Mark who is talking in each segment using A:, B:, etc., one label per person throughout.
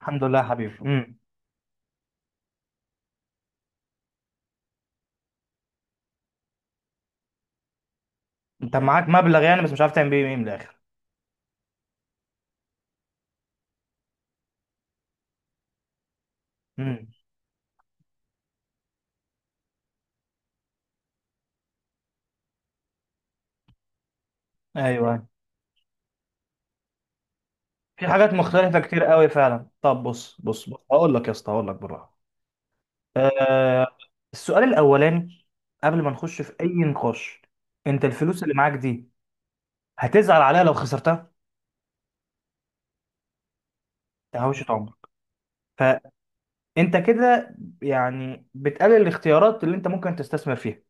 A: الحمد لله يا حبيبي. انت معاك مبلغ يعني، بس مش عارف تعمل بيه ايه من الاخر. امم ايوه، في حاجات مختلفه كتير قوي فعلا. طب بص، بص، هقول لك يا اسطى، هقول لك بالراحه. آه السؤال الاولاني، قبل ما نخش في اي نقاش، انت الفلوس اللي معاك دي هتزعل عليها لو خسرتها؟ ده هوشه عمرك. فانت كده يعني بتقلل الاختيارات اللي انت ممكن تستثمر فيها.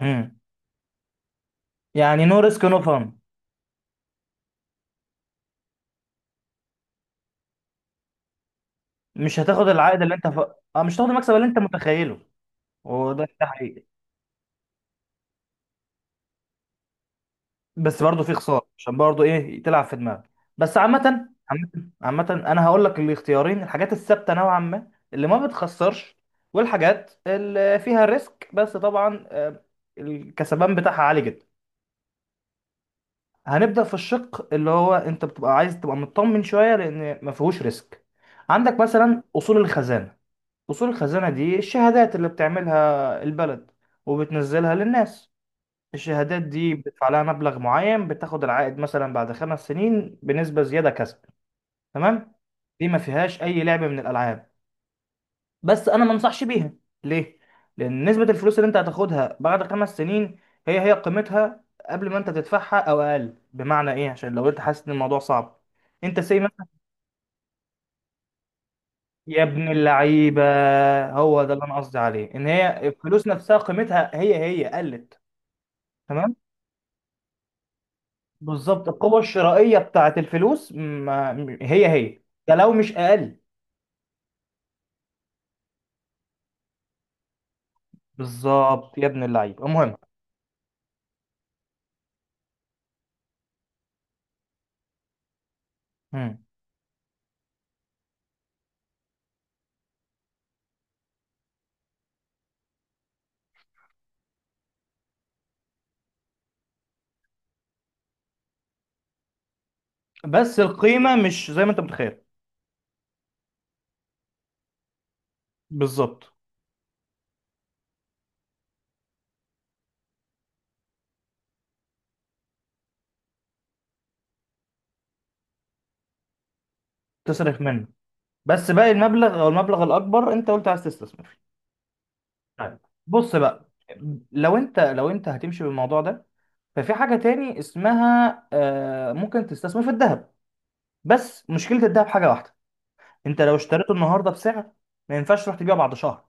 A: امم يعني نو ريسك نو فان. مش هتاخد العائد اللي انت ف... اه، مش هتاخد المكسب اللي انت متخيله. وده حقيقي. بس برضه في خساره، عشان برضه ايه، تلعب في دماغك. بس عامه عامة، انا هقول لك الاختيارين: الحاجات الثابته نوعا ما اللي ما بتخسرش، والحاجات اللي فيها ريسك بس طبعا الكسبان بتاعها عالي جدا. هنبدا في الشق اللي هو انت بتبقى عايز تبقى مطمن شويه لان ما فيهوش ريسك. عندك مثلا اصول الخزانه. اصول الخزانه دي الشهادات اللي بتعملها البلد وبتنزلها للناس. الشهادات دي بتدفع لها مبلغ معين، بتاخد العائد مثلا بعد 5 سنين بنسبة زيادة كسب. تمام. دي ما فيهاش أي لعب من الألعاب، بس أنا ما انصحش بيها. ليه؟ لأن نسبة الفلوس اللي أنت هتاخدها بعد 5 سنين هي هي قيمتها قبل ما أنت تدفعها، أو أقل. بمعنى إيه؟ عشان لو أنت حاسس إن الموضوع صعب، أنت سي مثلا يا ابن اللعيبة، هو ده اللي أنا قصدي عليه، إن هي الفلوس نفسها قيمتها هي هي قلت. تمام. بالظبط، القوة الشرائية بتاعت الفلوس ما هي هي، ده لو مش أقل. بالظبط يا ابن اللعيب. المهم، مم. بس القيمة مش زي ما أنت متخيل. بالظبط، تصرف منه. بس باقي المبلغ أو المبلغ الأكبر أنت قلت عايز تستثمر فيه. طيب، بص بقى، لو أنت لو أنت هتمشي بالموضوع ده، ففي حاجة تاني اسمها ممكن تستثمر في الذهب. بس مشكلة الذهب حاجة واحدة: أنت لو اشتريته النهاردة بسعر، ما ينفعش تروح تبيعه بعد شهر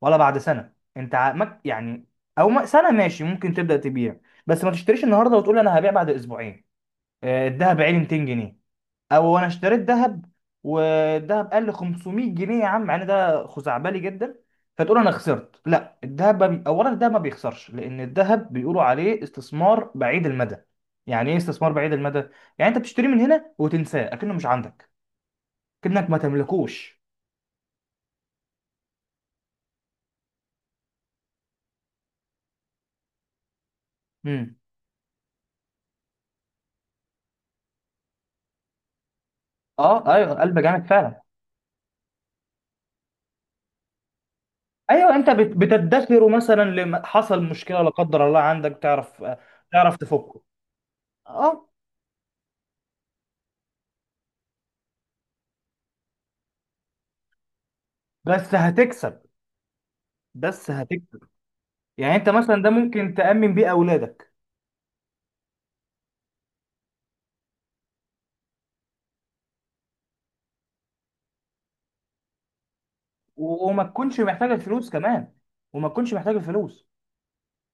A: ولا بعد سنه. انت ع- مك- يعني، او م- سنه ماشي ممكن تبدا تبيع، بس ما تشتريش النهارده وتقول انا هبيع بعد اسبوعين. الذهب عالي 200 جنيه، او انا اشتريت ذهب والذهب قل 500 جنيه يا عم، مع ان ده خزعبلي جدا، فتقول انا خسرت. لا، الذهب ما بي... اولا الذهب ما بيخسرش، لان الذهب بيقولوا عليه استثمار بعيد المدى. يعني ايه استثمار بعيد المدى؟ يعني انت بتشتريه من هنا وتنساه، اكنه مش عندك، كأنك ما تملكوش. امم. اه ايوه، قلب جامد فعلا. ايوه انت بت- بتدخره، مثلا لما حصل مشكله لا قدر الله عندك، تعرف تعرف تفكه. اه، بس هتكسب، بس هتكسب. يعني انت مثلا ده ممكن تأمن بيه اولادك. وما تكونش محتاج الفلوس كمان، وما تكونش محتاج الفلوس.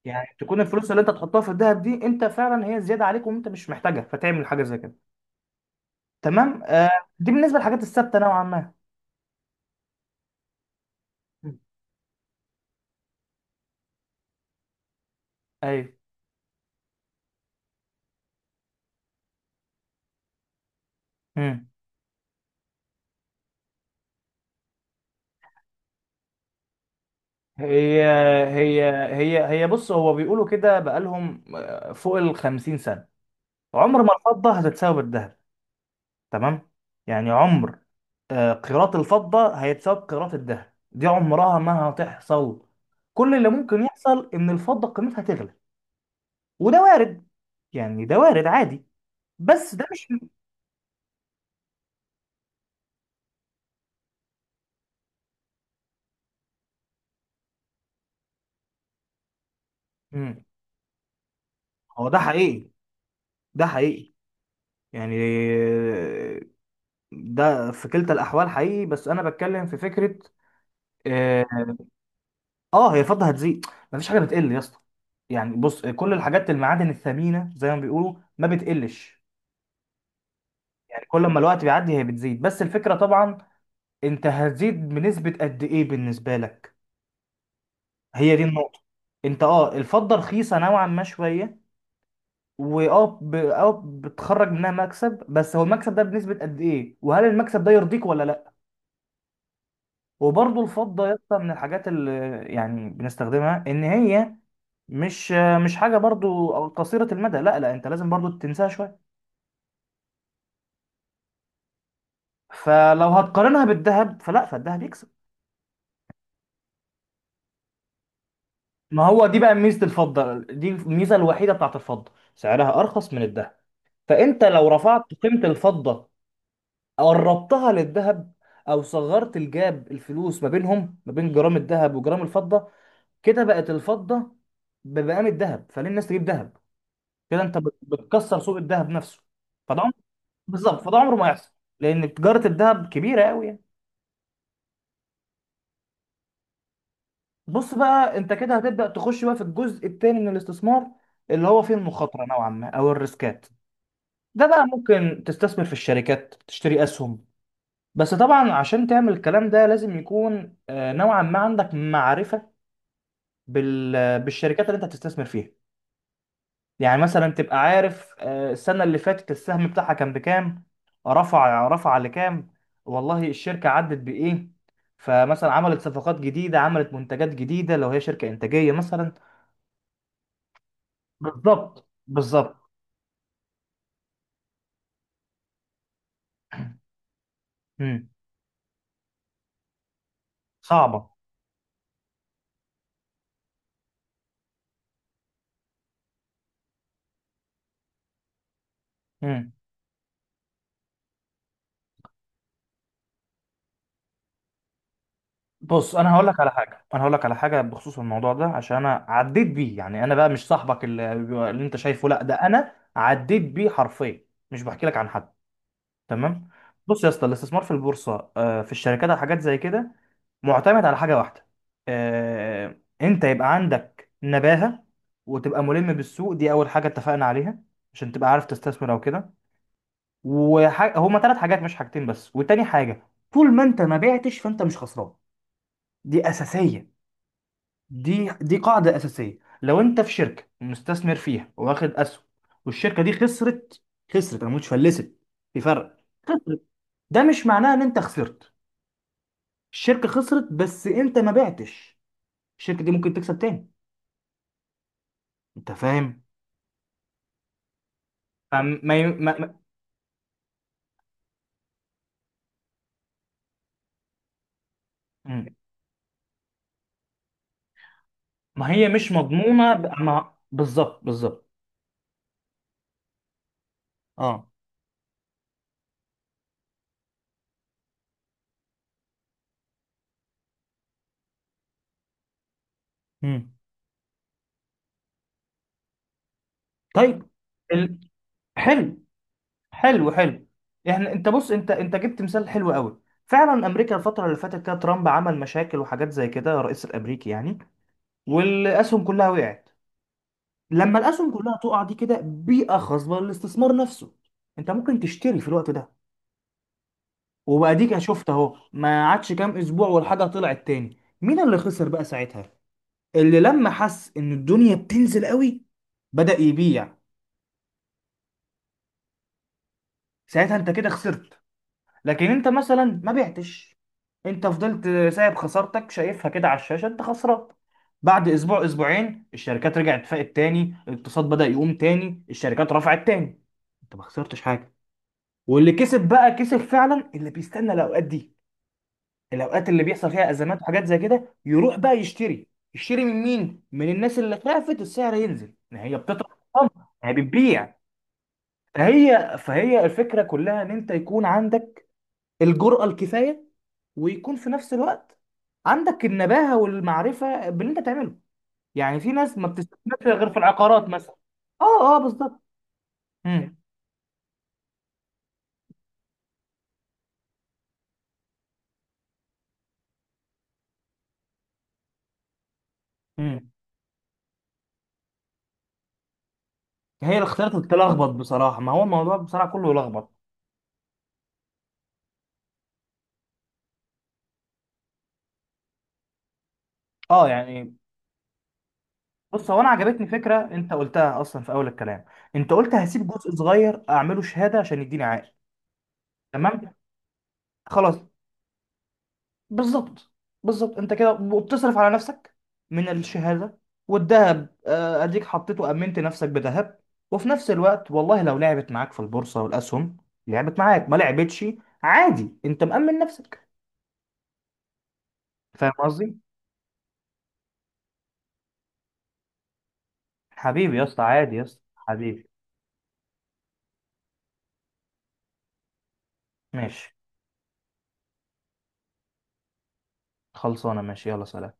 A: يعني تكون الفلوس اللي انت تحطها في الذهب دي انت فعلا هي زياده عليك، وانت مش محتاجها، فتعمل حاجه زي كده. تمام آه. دي بالنسبه للحاجات الثابته نوعا ما. مم. ايوه. مم. هي هي هي بص، هو بيقولوا كده بقالهم فوق ال 50 سنه عمر ما الفضة هتتساوي بالذهب. تمام. يعني عمر قيراط الفضة هيتساوي بقيراط الذهب، دي عمرها ما هتحصل. كل اللي ممكن يحصل ان الفضة قيمتها تغلى، وده وارد، يعني ده وارد عادي. بس ده مش مم. هو ده حقيقي، ده حقيقي. يعني ده في كلتا الاحوال حقيقي، بس انا بتكلم في فكرة. اه. هي الفضة هتزيد، مفيش حاجة بتقل يا اسطى. يعني بص، كل الحاجات المعادن الثمينة زي ما بيقولوا ما بتقلش. يعني كل ما الوقت بيعدي هي بتزيد، بس الفكرة طبعا انت هتزيد بنسبة قد ايه بالنسبة لك، هي دي النقطة. انت اه الفضة رخيصة نوعا ما شوية، واه ب... اه بتخرج منها مكسب، بس هو المكسب ده بنسبة قد ايه، وهل المكسب ده يرضيك ولا لا؟ وبرضه الفضة يا اسطى من الحاجات اللي يعني بنستخدمها، ان هي مش مش حاجة برضو قصيرة المدى. لا لا، انت لازم برضو تنساها شوية. فلو هتقارنها بالذهب، فلا، فالذهب يكسب. ما هو دي بقى ميزه الفضه، دي الميزه الوحيده بتاعت الفضه، سعرها ارخص من الذهب. فانت لو رفعت قيمه الفضه، قربتها للذهب، او صغرت الجاب الفلوس ما بينهم ما بين جرام الذهب وجرام الفضه، كده بقت الفضه بمقام الذهب، فليه الناس تجيب ذهب؟ كده انت بت- بتكسر سوق الذهب نفسه. فده عمر، بالظبط، فده عمره ما يحصل، لان تجاره الذهب كبيره قوي يعني. بص بقى، انت كده هتبدا تخش بقى في الجزء الثاني من الاستثمار، اللي هو فيه المخاطره نوعا ما او الريسكات. ده بقى ممكن تستثمر في الشركات، تشتري أسهم. بس طبعا عشان تعمل الكلام ده لازم يكون نوعا ما عندك معرفة بال- بالشركات اللي انت هتستثمر فيها. يعني مثلا تبقى عارف السنة اللي فاتت السهم بتاعها كان بكام، رفع لكام، والله الشركة عدت بإيه، فمثلا عملت صفقات جديدة، عملت منتجات جديدة لو هي شركة إنتاجية مثلا. بالظبط بالظبط. مم. صعبة. بص انا هقول لك على حاجه، انا هقول لك على حاجه بخصوص الموضوع ده عشان انا عديت بيه يعني. انا بقى مش صاحبك اللي, اللي انت شايفه، لا ده انا عديت بيه حرفيا، مش بحكي لك عن حد. تمام. بص يا اسطى، الاستثمار في البورصه في الشركات او حاجات زي كده، معتمد على حاجه واحده: انت يبقى عندك نباهه وتبقى ملم بالسوق، دي اول حاجه اتفقنا عليها عشان تبقى عارف تستثمر او كده. وهما 3 حاجات مش حاجتين بس. وتاني حاجه، طول ما انت ما بعتش فانت مش خسران. دي اساسيه، دي قاعدة أساسية. لو أنت في شركة مستثمر فيها، واخد أسهم، والشركة دي خسرت، خسرت أنا مش فلست، في فرق. خسرت، ده مش معناه إن أنت خسرت. الشركة خسرت بس أنت ما بعتش، الشركة دي ممكن تكسب تاني. أنت فاهم؟ أم- ما ي- ما مم. ما هي مش مضمونة ب- ما، بالظبط بالظبط. أه. مم. طيب. ال... حلو، حلو. احنا انت بص، انت جبت مثال حلو قوي فعلا. امريكا الفتره اللي فاتت كده ترامب عمل مشاكل وحاجات زي كده، الرئيس الامريكي يعني، والاسهم كلها وقعت. لما الاسهم كلها تقع دي كده بيئه خصبه للاستثمار نفسه. انت ممكن تشتري في الوقت ده، وباديك، أنا شفت اهو، ما عادش كام اسبوع والحاجه طلعت تاني. مين اللي خسر بقى ساعتها؟ اللي لما حس ان الدنيا بتنزل قوي بدأ يبيع. ساعتها انت كده خسرت. لكن انت مثلا ما بعتش، انت فضلت سايب خسارتك، شايفها كده على الشاشه انت خسران. بعد اسبوع اسبوعين الشركات رجعت فاقت تاني، الاقتصاد بدأ يقوم تاني، الشركات رفعت تاني. انت ما خسرتش حاجه. واللي كسب بقى كسب فعلا، اللي بيستنى الاوقات دي، الاوقات اللي بيحصل فيها ازمات وحاجات زي كده، يروح بقى يشتري. يشتري من مين؟ من الناس اللي خافت السعر ينزل ان هي بتطرح الأرقام، هي بتبيع. فهي الفكره كلها ان انت يكون عندك الجرأة الكفايه، ويكون في نفس الوقت عندك النباهة والمعرفة باللي انت تعمله. يعني في ناس ما بتستثمرش غير في العقارات مثلا. اه اه بالظبط. امم. امم هي الاختيارات بتلخبط بصراحة، ما هو الموضوع بصراحة كله يلخبط. اه يعني بص، هو انا عجبتني فكرة انت قلتها اصلا في اول الكلام، انت قلت هسيب جزء صغير اعمله شهادة عشان يديني عائد. تمام، خلاص، بالظبط بالظبط. انت كده وبتصرف على نفسك من الشهاده، والذهب اديك حطيته، امنت نفسك بذهب، وفي نفس الوقت والله لو لعبت معاك في البورصه والاسهم، لعبت معاك ما لعبتش، عادي، انت مأمن نفسك. فاهم قصدي؟ حبيبي يا اسطى، عادي يا اسطى حبيبي. ماشي، خلصانه، ماشي، يلا سلام.